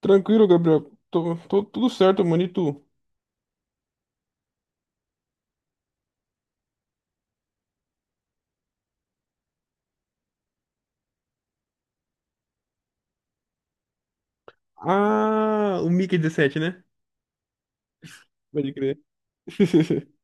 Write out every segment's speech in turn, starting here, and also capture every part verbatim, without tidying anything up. Tranquilo, Gabriel. Tô, tô tudo certo, mano. E tu? Ah, o Mickey dezessete, né? Pode crer.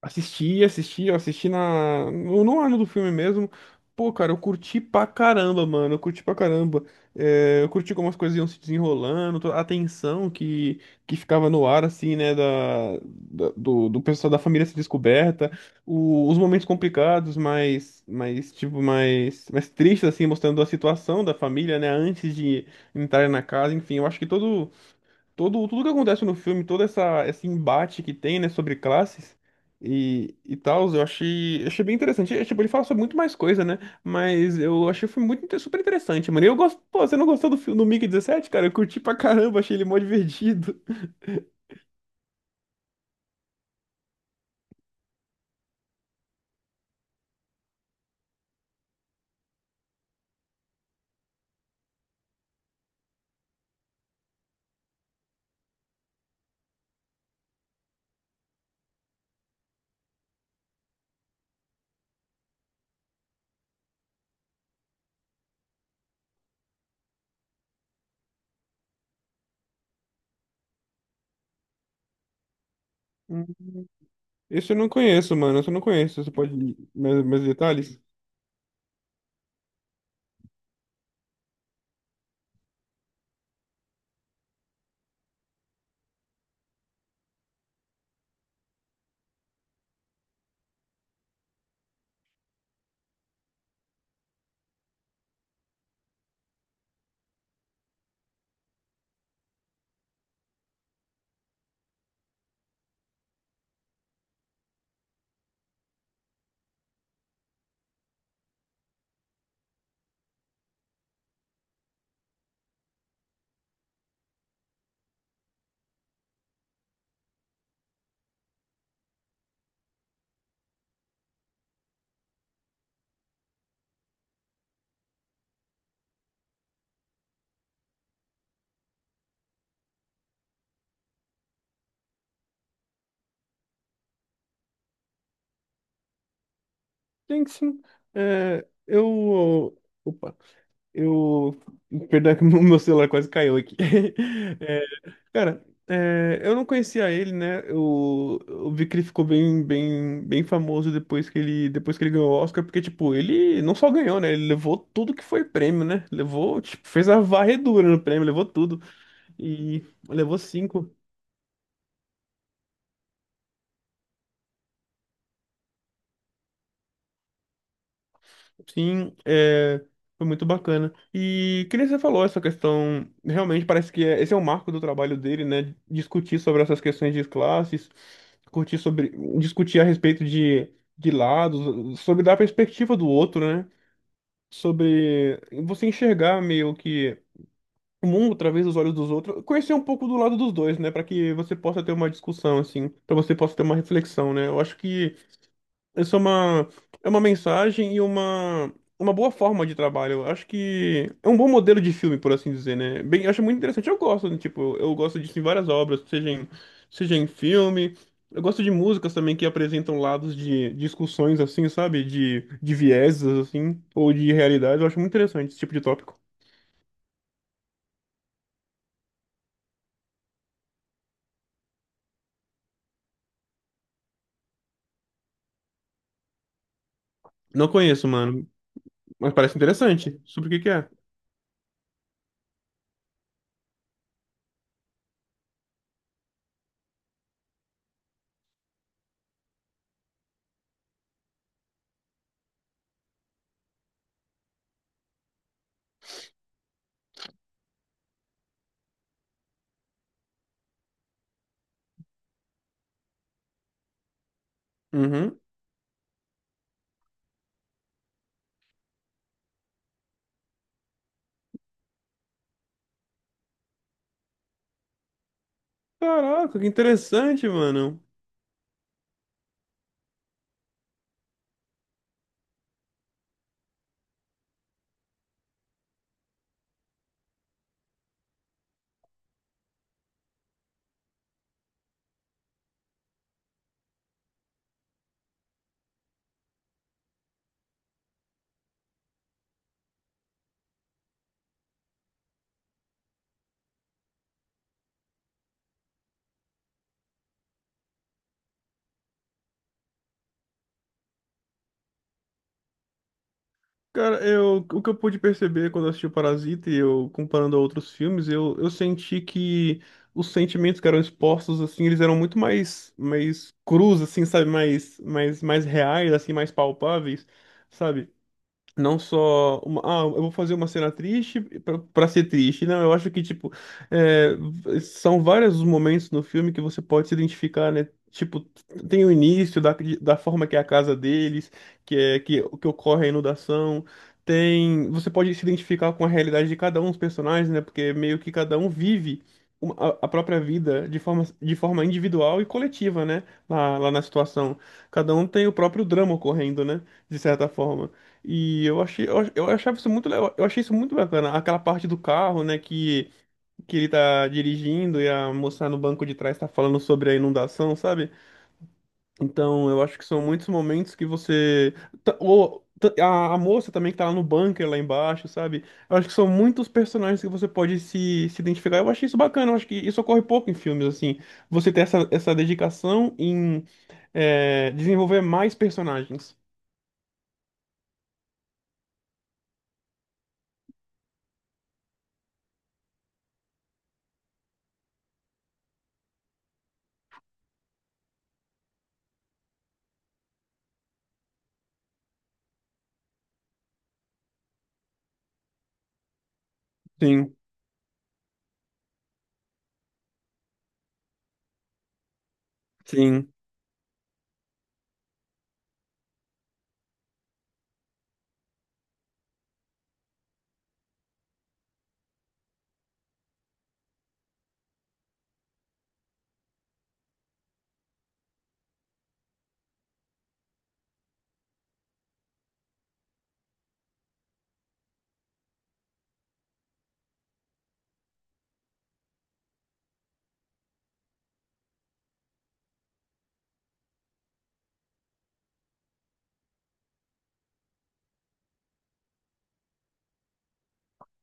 Assisti, assisti, eu assisti na... no, no ano do filme mesmo. Pô, cara, eu curti pra caramba, mano. Eu curti pra caramba. É, eu curti como as coisas iam se desenrolando, to- a tensão que, que ficava no ar, assim, né? Da, da- do, do pessoal da família se descoberta, o- os momentos complicados, mais, mais, tipo, mais, mais tristes, assim, mostrando a situação da família, né? Antes de entrar na casa, enfim, eu acho que todo. Todo, tudo que acontece no filme, todo essa, esse embate que tem, né, sobre classes e, e tal, eu achei, achei bem interessante. É, tipo, ele fala sobre muito mais coisa, né? Mas eu achei o filme muito, inte- super interessante, mano. E eu gosto, pô, você não gostou do filme do Mickey dezessete cara? Eu curti pra caramba, achei ele mó divertido. Isso eu não conheço, mano. Isso eu não conheço. Você pode mais, mais detalhes? Sim, sim. É, eu. Opa. Eu. Perdão, que o meu celular quase caiu aqui. Cara, é, eu não conhecia ele, né? Eu, eu vi que ele ficou bem, bem, bem famoso depois que ele, depois que ele ganhou o Oscar, porque, tipo, ele não só ganhou, né? Ele levou tudo que foi prêmio, né? Levou, tipo, fez a varredura no prêmio, levou tudo. E levou cinco. Sim, é, foi muito bacana. E que nem você falou, essa questão, realmente parece que é- esse é o marco do trabalho dele, né? Discutir sobre essas questões de classes, curtir sobre, discutir a respeito de, de lados, sobre dar a perspectiva do outro, né? Sobre você enxergar meio que o mundo através dos olhos dos outros, conhecer um pouco do lado dos dois, né? Para que você possa ter uma discussão, assim, para você possa ter uma reflexão, né? Eu acho que essa é uma, é uma mensagem e uma, uma boa forma de trabalho. Eu acho que é um bom modelo de filme, por assim dizer, né? Bem, eu acho muito interessante. Eu gosto, né? Tipo, eu gosto disso em várias obras, seja em, seja em filme. Eu gosto de músicas também que apresentam lados de discussões, assim, sabe? De, de vieses, assim, ou de realidades. Eu acho muito interessante esse tipo de tópico. Não conheço, mano, mas parece interessante. Sobre o que que é? Uhum. Caraca, que interessante, mano. Cara, eu, o que eu pude perceber quando eu assisti o Parasita e eu comparando a outros filmes, eu, eu senti que os sentimentos que eram expostos, assim, eles eram muito mais, mais crus, assim, sabe? Mais, mais, mais reais, assim, mais palpáveis, sabe? Não só uma, ah, eu vou fazer uma cena triste pra pra ser triste. Não, eu acho que, tipo, é, v- são vários os momentos no filme que você pode se identificar, né? Tipo, tem o início da, da forma que é a casa deles, que é que, que ocorre a inundação. Tem, você pode se identificar com a realidade de cada um dos personagens, né? Porque meio que cada um vive uma- a, a própria vida de forma, de forma individual e coletiva, né? Lá, lá na situação. Cada um tem o próprio drama ocorrendo, né? De certa forma. E eu achei, eu, ach- eu achava isso muito, legal- eu achei isso muito bacana, aquela parte do carro, né, que, que ele tá dirigindo e a moça no banco de trás tá falando sobre a inundação, sabe? Então, eu acho que são muitos momentos que você ta- ou ta- a, a moça também que tá lá no bunker lá embaixo, sabe? Eu acho que são muitos personagens que você pode se, se identificar. Eu achei isso bacana, eu acho que isso ocorre pouco em filmes assim. Você ter essa, essa dedicação em eh, desenvolver mais personagens. Sim, sim.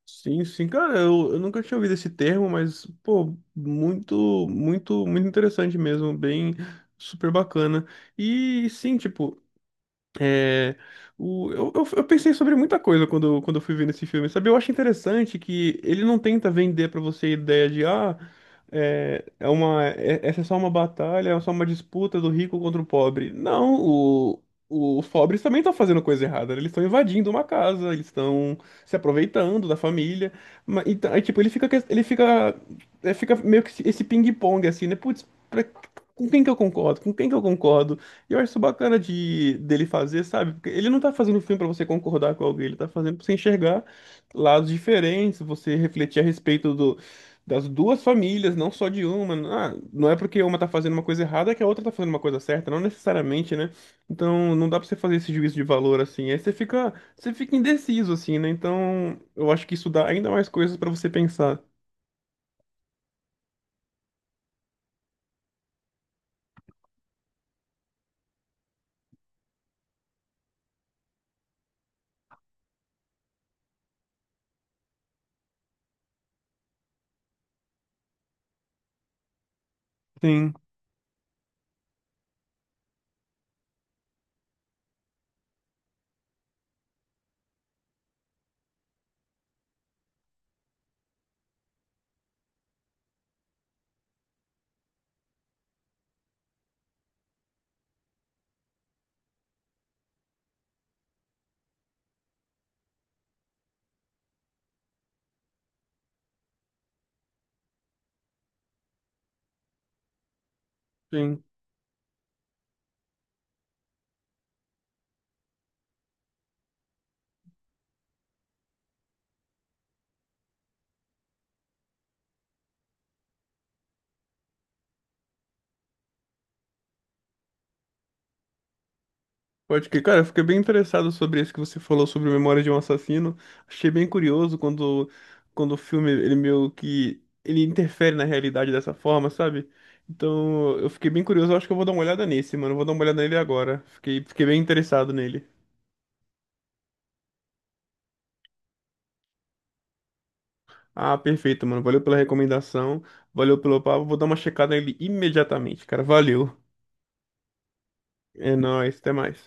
Sim, sim, cara, eu, eu nunca tinha ouvido esse termo, mas, pô, muito, muito, muito interessante mesmo, bem super bacana. E sim, tipo, é, o, eu, eu- eu pensei sobre muita coisa quando, eu- quando eu fui vendo esse filme, sabe? Eu acho interessante que ele não tenta vender pra você a ideia de, ah, é, é uma, é- essa é só uma batalha, é só uma disputa do rico contra o pobre. Não, o- o- os pobres também estão fazendo coisa errada, né? Eles estão invadindo uma casa, eles estão se aproveitando da família. Mas, então, aí, tipo, ele fica, que- ele fica, é, fica meio que esse esse ping-pong, assim, né? Putz, pra- com quem que eu concordo? Com quem que eu concordo? E eu acho isso bacana de, dele fazer, sabe? Porque ele não tá fazendo filme pra você concordar com alguém, ele tá fazendo pra você enxergar lados diferentes, você refletir a respeito do, das duas famílias, não só de uma. Ah, não é porque uma tá fazendo uma coisa errada que a outra tá fazendo uma coisa certa, não necessariamente, né? Então não dá pra você fazer esse juízo de valor assim. Aí você fica, você fica indeciso, assim, né? Então eu acho que isso dá ainda mais coisas pra você pensar. Sim, sim. Pode que, cara, eu fiquei bem interessado sobre isso que você falou sobre Memória de um Assassino. Achei bem curioso quando, quando o filme, ele meio que, ele interfere na realidade dessa forma, sabe? Então, eu fiquei bem curioso, eu acho que eu vou dar uma olhada nesse, mano. Eu vou dar uma olhada nele agora. Fiquei, fiquei bem interessado nele. Ah, perfeito, mano. Valeu pela recomendação, valeu pelo papo. Vou dar uma checada nele imediatamente, cara. Valeu. É nóis, até mais.